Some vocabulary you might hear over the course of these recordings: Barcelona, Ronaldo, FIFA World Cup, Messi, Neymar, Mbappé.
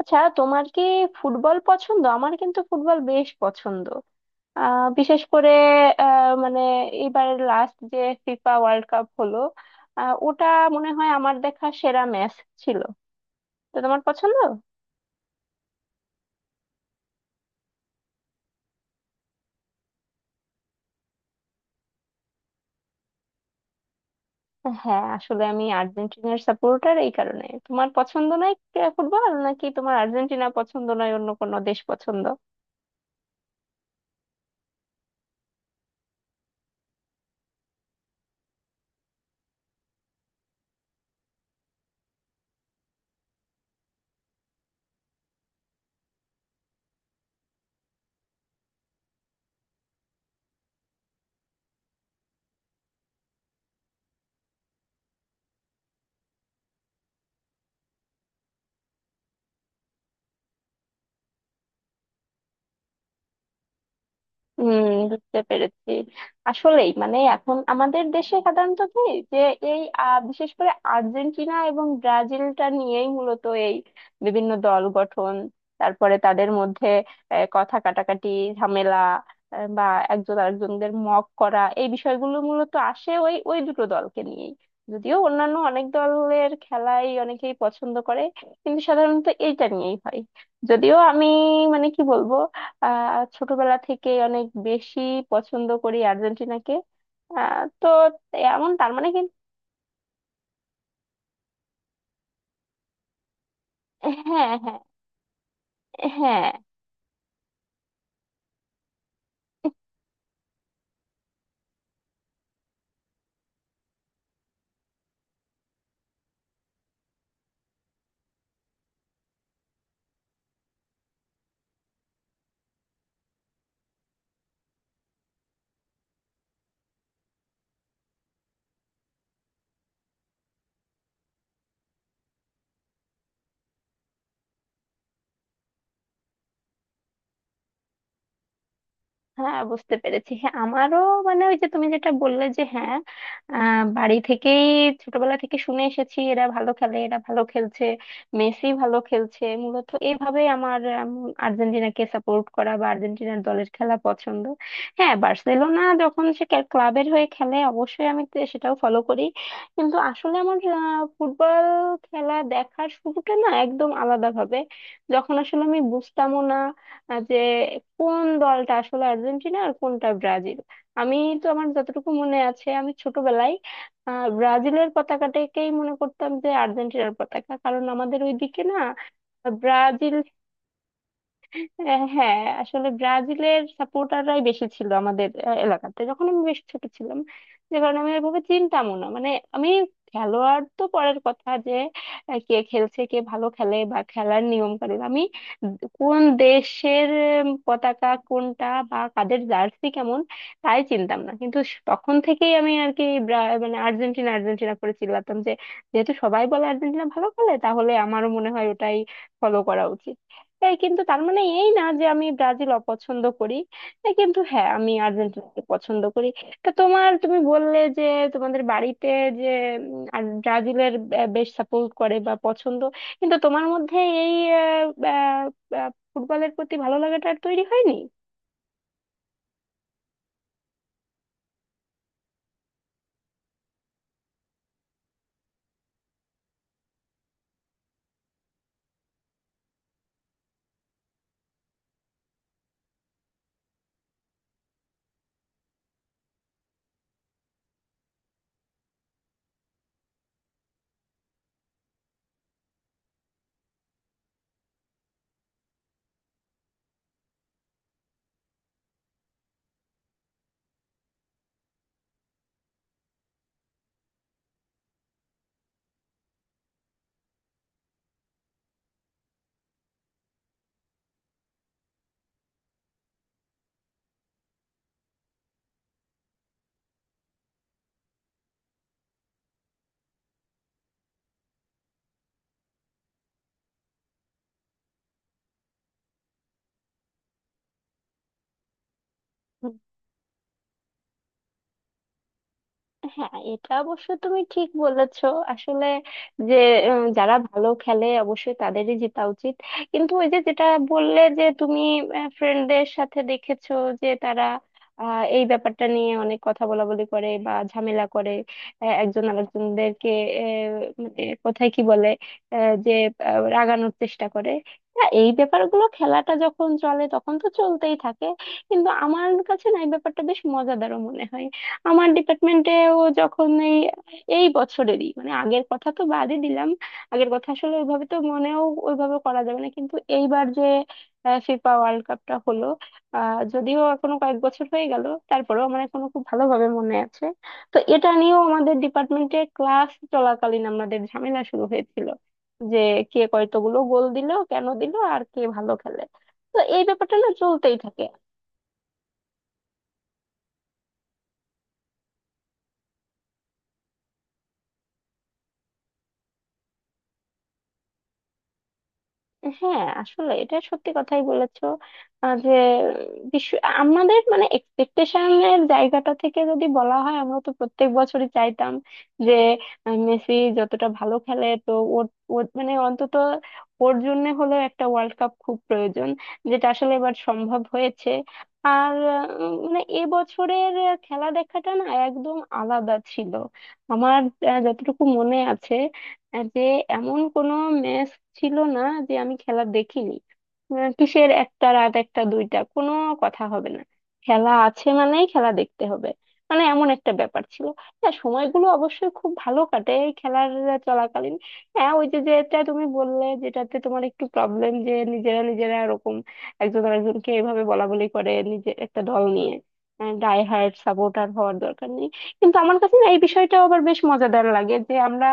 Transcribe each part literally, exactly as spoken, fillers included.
আচ্ছা, তোমার কি ফুটবল পছন্দ? আমার কিন্তু ফুটবল বেশ পছন্দ। আহ বিশেষ করে, আহ মানে এবারের লাস্ট যে ফিফা ওয়ার্ল্ড কাপ হলো, আহ ওটা মনে হয় আমার দেখা সেরা ম্যাচ ছিল। তো তোমার পছন্দ? হ্যাঁ, আসলে আমি আর্জেন্টিনার সাপোর্টার, এই কারণে। তোমার পছন্দ নয় ফুটবল, নাকি তোমার আর্জেন্টিনা পছন্দ নয়, অন্য কোনো দেশ পছন্দ? হুম, বুঝতে পেরেছি। আসলেই মানে এখন আমাদের দেশে সাধারণত কি, যে এই আহ, বিশেষ করে আর্জেন্টিনা এবং ব্রাজিলটা নিয়েই মূলত এই বিভিন্ন দল গঠন, তারপরে তাদের মধ্যে আহ, কথা কাটাকাটি, ঝামেলা, আহ, বা একজন আরেকজনদের মক করা, এই বিষয়গুলো মূলত আসে ওই ওই দুটো দলকে নিয়েই। যদিও অন্যান্য অনেক দলের খেলাই অনেকেই পছন্দ করে, কিন্তু সাধারণত এইটা নিয়েই হয়। যদিও আমি, মানে কি বলবো, আহ ছোটবেলা থেকে অনেক বেশি পছন্দ করি আর্জেন্টিনাকে। আহ তো এমন, তার মানে কিন্তু। হ্যাঁ, হ্যাঁ, হ্যাঁ, হ্যাঁ, বুঝতে পেরেছি। হ্যাঁ, আমারও। মানে ওই যে তুমি যেটা বললে, যে হ্যাঁ, আহ, বাড়ি থেকেই ছোটবেলা থেকে শুনে এসেছি এরা ভালো খেলে, এরা ভালো খেলছে, মেসি ভালো খেলছে। মূলত এইভাবে আমার উম, আর্জেন্টিনাকে সাপোর্ট করা বা আর্জেন্টিনার দলের খেলা পছন্দ। হ্যাঁ, বার্সেলোনা যখন সে কে- ক্লাবের হয়ে খেলে, অবশ্যই আমি তে- সেটাও ফলো করি। কিন্তু আসলে আমার আহ, ফুটবল খেলা দেখার শুরুটা না একদম আলাদাভাবে, যখন আসলে আমি বুঝতামও না আহ যে কোন দলটা আসলে আর্জেন্টিনা আর কোনটা ব্রাজিল। আমি তো, আমার যতটুকু মনে আছে, আমি ছোটবেলায় আহ ব্রাজিলের পতাকাটাকেই মনে করতাম যে আর্জেন্টিনার পতাকা, কারণ আমাদের ওইদিকে না ব্রাজিল, আহ, হ্যাঁ, আসলে ব্রাজিলের সাপোর্টাররাই বেশি ছিল আমাদের আহ, এলাকাতে, যখন আমি বেশ ছোট ছিলাম। যে কারণে আমি এভাবে চিনতামও না, মানে আমি, খেলোয়াড় তো পরের কথা, যে আহ, কে খেলছে, কে ভালো খেলে বা খেলার নিয়ম কানুন, আমি দ- কোন দেশের উম, পতাকা কোনটা বা কাদের জার্সি কেমন, তাই চিনতাম না। কিন্তু স- তখন থেকেই আমি আর কি, ব্রা- মানে আর্জেন্টিনা আর্জেন্টিনা করে চিল্লাতাম, যে যেহেতু সবাই বলে আর্জেন্টিনা ভালো খেলে, তাহলে আমারও মনে হয় ওটাই ফলো করা উচিত। এই, কিন্তু তার মানে এই না যে আমি ব্রাজিল অপছন্দ করি। এই, কিন্তু হ্যাঁ, আমি আর্জেন্টিনাকে পছন্দ করি। তা তোমার, তুমি বললে যে তোমাদের বাড়িতে, যে উম, আর ব্রাজিলের বে- বেশ সাপোর্ট করে বা পছন্দ, কিন্তু তোমার মধ্যে এই আহ, আহ, আহ, ফুটবলের প্রতি ভালো লাগাটা আর তৈরি হয়নি। হ্যাঁ, এটা অবশ্য তুমি ঠিক বলেছো। আসলে যে উম, যারা ভালো খেলে অবশ্যই তাদেরই জেতা উচিত। কিন্তু ওই যে যেটা বললে যে তুমি ফ্রেন্ডদের সাথে দেখেছো, যে তারা আহ, এই ব্যাপারটা নিয়ে অনেক কথা বলাবলি করে বা ঝামেলা করে, আহ, একজন আরেকজনদেরকে, আহ, মানে কোথায় কি বলে, আহ, যে আহ, রাগানোর চেষ্টা করে। হ্যাঁ, এই ব্যাপারগুলো খেলাটা যখন চলে তখন তো চলতেই থাকে, কিন্তু আমার কাছে না এই ব্যাপারটা বেশ মজাদারও মনে হয়। আমার ডিপার্টমেন্টেও যখন এই এই বছরেরই, মানে আগের কথা তো বাদই দিলাম, আগের কথা আসলে ওইভাবে তো মনেও ওইভাবে করা যাবে না, কিন্তু এইবার যে ফিফা ওয়ার্ল্ড কাপটা হলো, আহ যদিও এখনো কয়েক বছর হয়ে গেল তারপরেও আমার এখনো খুব ভালোভাবে মনে আছে। তো এটা নিয়েও আমাদের ডিপার্টমেন্টে ক্লাস চলাকালীন আমাদের ঝামেলা শুরু হয়েছিল, যে কে কয়তগুলো গোল দিল, কেন দিল, আর কে ভালো খেলে। তো এই ব্যাপারটা না চলতেই থাকে। হ্যাঁ, আসলে এটা সত্যি কথাই বলেছো। আহ, যে বিশ্ব, আমাদের মানে এক্সপেকটেশনের জায়গাটা থেকে যদি বলা হয়, আমরা তো প্রত্যেক বছরই চাইতাম যে আহ, মেসি যতটা ভালো খেলে তো ওর, ওর- মানে অন্তত ওর জন্য হলেও একটা ওয়ার্ল্ড কাপ খুব প্রয়োজন, যেটা আসলে এবার সম্ভব হয়েছে। আর আহ, মানে এবছরের খেলা দেখাটা না একদম আলাদা ছিল। আমার আহ, যতটুকু মনে আছে, আহ যে এমন কোনো ম্যাচ ছিল না যে আমি খেলা দেখিনি। আহ কিসের একটা, রাত একটা, দুইটা, কোনো কথা হবে না, খেলা আছে মানেই খেলা দেখতে হবে, মানে এমন একটা ব্যাপার ছিল। হ্যাঁ, সময়গুলো অবশ্যই খুব ভালো কাটে এই খেলার চলাকালীন। হ্যাঁ, ওই যে যেটা তুমি বললে, যেটাতে তোমার একটু প্রবলেম যে নিজেরা নিজেরা এরকম একজন আরেকজনকে এভাবে বলা বলি করে, নিজে একটা দল নিয়ে ডাই হার্ড সাপোর্টার হওয়ার দরকার নেই। কিন্তু আমার কাছে না এই বিষয়টা আবার বেশ মজাদার লাগে, যে আমরা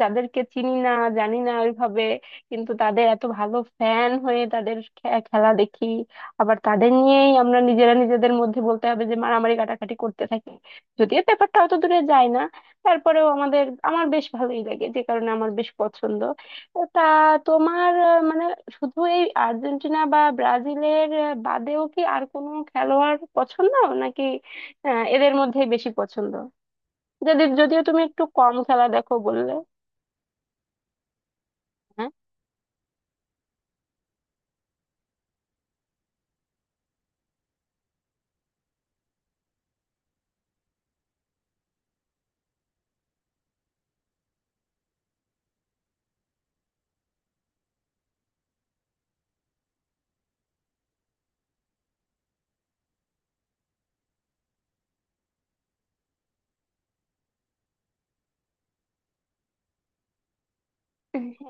যাদেরকে চিনি না, জানি না ওইভাবে, কিন্তু তাদের এত ভালো ফ্যান হয়ে তাদের খে- খেলা দেখি, আবার তাদের নিয়েই আমরা নিজেরা নিজেদের মধ্যে বলতে হবে যে মারামারি কাটাকাটি করতে থাকি। যদিও ব্যাপারটা অত দূরে যায় না, তারপরেও আমাদের আমার বেশ ভালোই লাগে, যে কারণে আমার বেশ পছন্দ। তা তোমার আহ, মানে শুধু এই আর্জেন্টিনা বা ব্রাজিলের আহ, বাদেও কি আর কোনো খেলোয়াড় পছন্দ, নাকি আহ, এদের মধ্যেই বেশি পছন্দ, যাদের যদিও তুমি একটু কম খেলা দেখো বললে?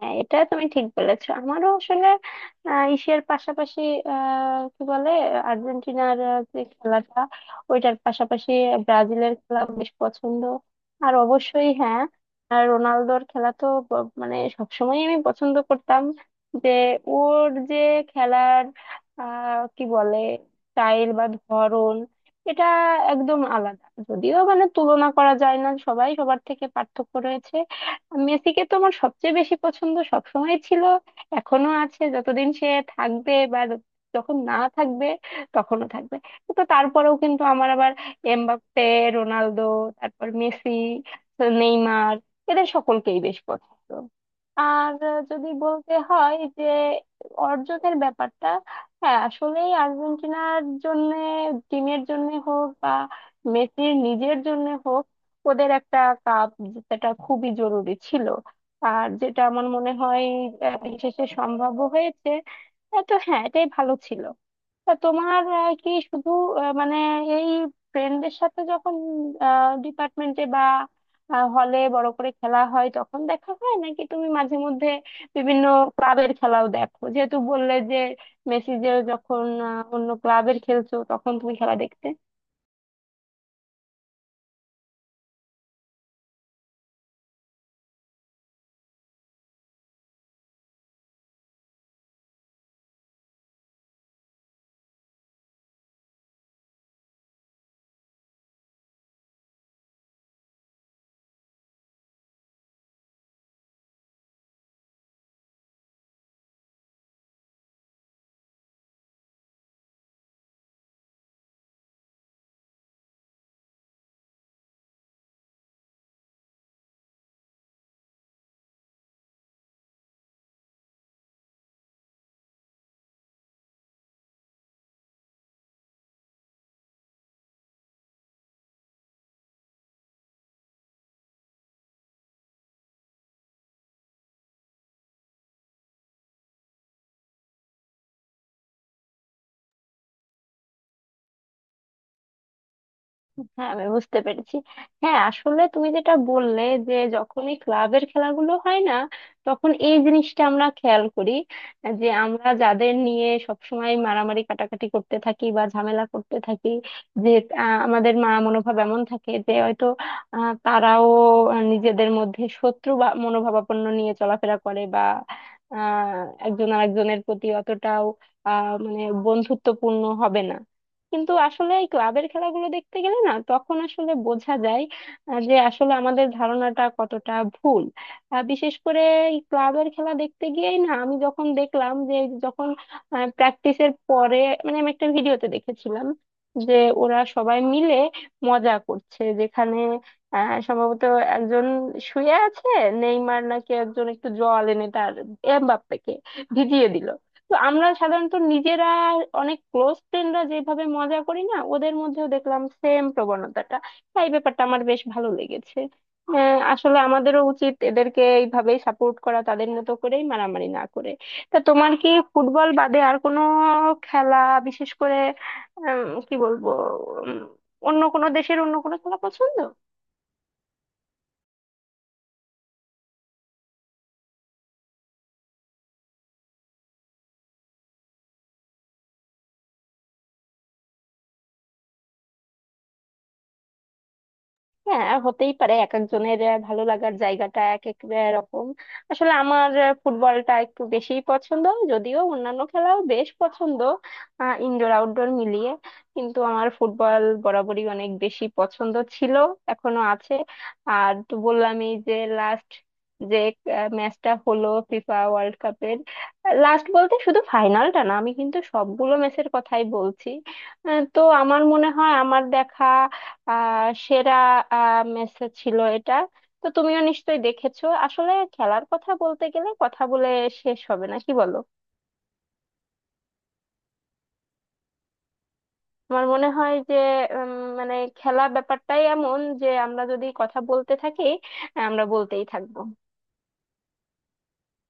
হ্যাঁ, এটা তুমি ঠিক বলেছো। আমারও আসলে আহ, এশিয়ার পাশাপাশি, আহ, কি বলে, আর্জেন্টিনার আহ, যে খেলাটা, ওইটার পাশাপাশি ব্রাজিলের খেলা বেশ পছন্দ। আর অবশ্যই হ্যাঁ, আর রোনালদোর খেলা তো ব- মানে সবসময় আমি পছন্দ করতাম, যে ওর যে খেলার আহ কি বলে স্টাইল বা ধরন, এটা একদম আলাদা, যদিও মানে তুলনা করা যায় না, সবাই সবার থেকে পার্থক্য রয়েছে। মেসিকে তো আমার সবচেয়ে বেশি পছন্দ সবসময় ছিল, এখনো আছে। যতদিন সে থাকবে, বা যত- যখন না থাকবে তখনও থাকবে। তো তারপরেও কিন্তু আমার আবার এমবাপ্পে, রোনালদো, তারপর মেসি, নেইমার, এদের সকলকেই বেশ পছন্দ। আর যদি বলতে হয় যে অর্জনের ব্যাপারটা, হ্যাঁ আসলেই আর্জেন্টিনার জন্য, টিমের জন্য হোক বা মেসির নিজের জন্য হোক, ওদের একটা কাপ জেতাটা খুবই জরুরি ছিল, আর যেটা আমার মনে হয় আহ, শেষে সম্ভব হয়েছে। আহ, তো হ্যাঁ, এটাই ভালো ছিল। তা তোমার আহ, কি শুধু আহ, মানে এই ফ্রেন্ডদের সাথে যখন ডিপার্টমেন্টে বা হলে বড় করে খেলা হয় তখন দেখা হয়, নাকি তুমি মাঝে মধ্যে বিভিন্ন ক্লাবের খেলাও দেখো, যেহেতু বললে যে মেসি যে যখন আহ, অন্য ক্লাবের খেলছো তখন তুমি খেলা দেখতে? হ্যাঁ, আমি বুঝতে পেরেছি। হ্যাঁ, আসলে তুমি যেটা বললে যে যখন এই ক্লাবের খেলাগুলো হয় না, তখন এই জিনিসটা আমরা খেয়াল করি, যে আমরা যাদের নিয়ে সবসময় মারামারি কাটাকাটি করতে থাকি বা ঝামেলা করতে থাকি, যে আহ, আমাদের মা মনোভাব এমন থাকে যে হয়তো আহ, তারাও নিজেদের মধ্যে শত্রু বা মনোভাবাপন্ন নিয়ে চলাফেরা করে, বা আহ, একজন আরেকজনের প্রতি অতটাও আহ, মানে বন্ধুত্বপূর্ণ হবে না। কিন্তু আসলে এই ক্লাবের খেলাগুলো দেখতে গেলে না তখন আসলে বোঝা যায় আহ, যে আসলে আমাদের ধারণাটা কতটা ভুল। আহ, বিশেষ করে এই ক্লাবের খেলা দেখতে গিয়েই না, আমি যখন দেখলাম যে যখন প্র্যাকটিসের পরে, মানে আমি একটা ভিডিওতে দেখেছিলাম যে ওরা সবাই মিলে মজা করছে, যেখানে আহ, সম্ভবত একজন শুয়ে আছে, নেইমার নাকি একজন একটু জল এনে তার এমবাপ্পেকে ভিজিয়ে দিল। তো আমরা সাধারণত নিজেরা, অনেক ক্লোজ ফ্রেন্ডরা যেভাবে মজা করি না, ওদের মধ্যেও দেখলাম সেম প্রবণতাটা। তাই ব্যাপারটা আমার বেশ ভালো লেগেছে। আহ, আসলে আমাদেরও উচিত এদেরকে এইভাবেই সাপোর্ট করা, তাদের মতো করেই, মারামারি না করে। তা তোমার কি ফুটবল বাদে আর কোনো খেলা বিশেষ করে, উম, কি বলবো, উম, অন্য কোনো দেশের অন্য কোনো খেলা পছন্দ? হ্যাঁ, হতেই পারে, এক একজনের আহ, ভালো লাগার জায়গাটা এক এক আহ, রকম। আসলে আমার আহ, ফুটবলটা একটু বেশিই পছন্দ, যদিও অন্যান্য খেলাও বেশ পছন্দ, ইনডোর আউটডোর মিলিয়ে। কিন্তু আমার ফুটবল বরাবরই অনেক বেশি পছন্দ ছিল, এখনো আছে। আর তো বললামই যে লাস্ট যে ম্যাচটা হলো ফিফা ওয়ার্ল্ড কাপের। লাস্ট বলতে শুধু ফাইনালটা না, আমি কিন্তু সবগুলো ম্যাচের কথাই বলছি। আহ, তো আমার মনে হয় আমার দেখা আহ সেরা আহ ম্যাচ ছিল এটা। তো তুমিও নিশ্চয়ই দেখেছো। আসলে খেলার কথা বলতে গেলে কথা বলে শেষ হবে না, কি বলো। আমার মনে হয় যে উম, মানে খেলা ব্যাপারটাই এমন যে আমরা যদি কথা বলতে থাকি আমরা বলতেই থাকবো।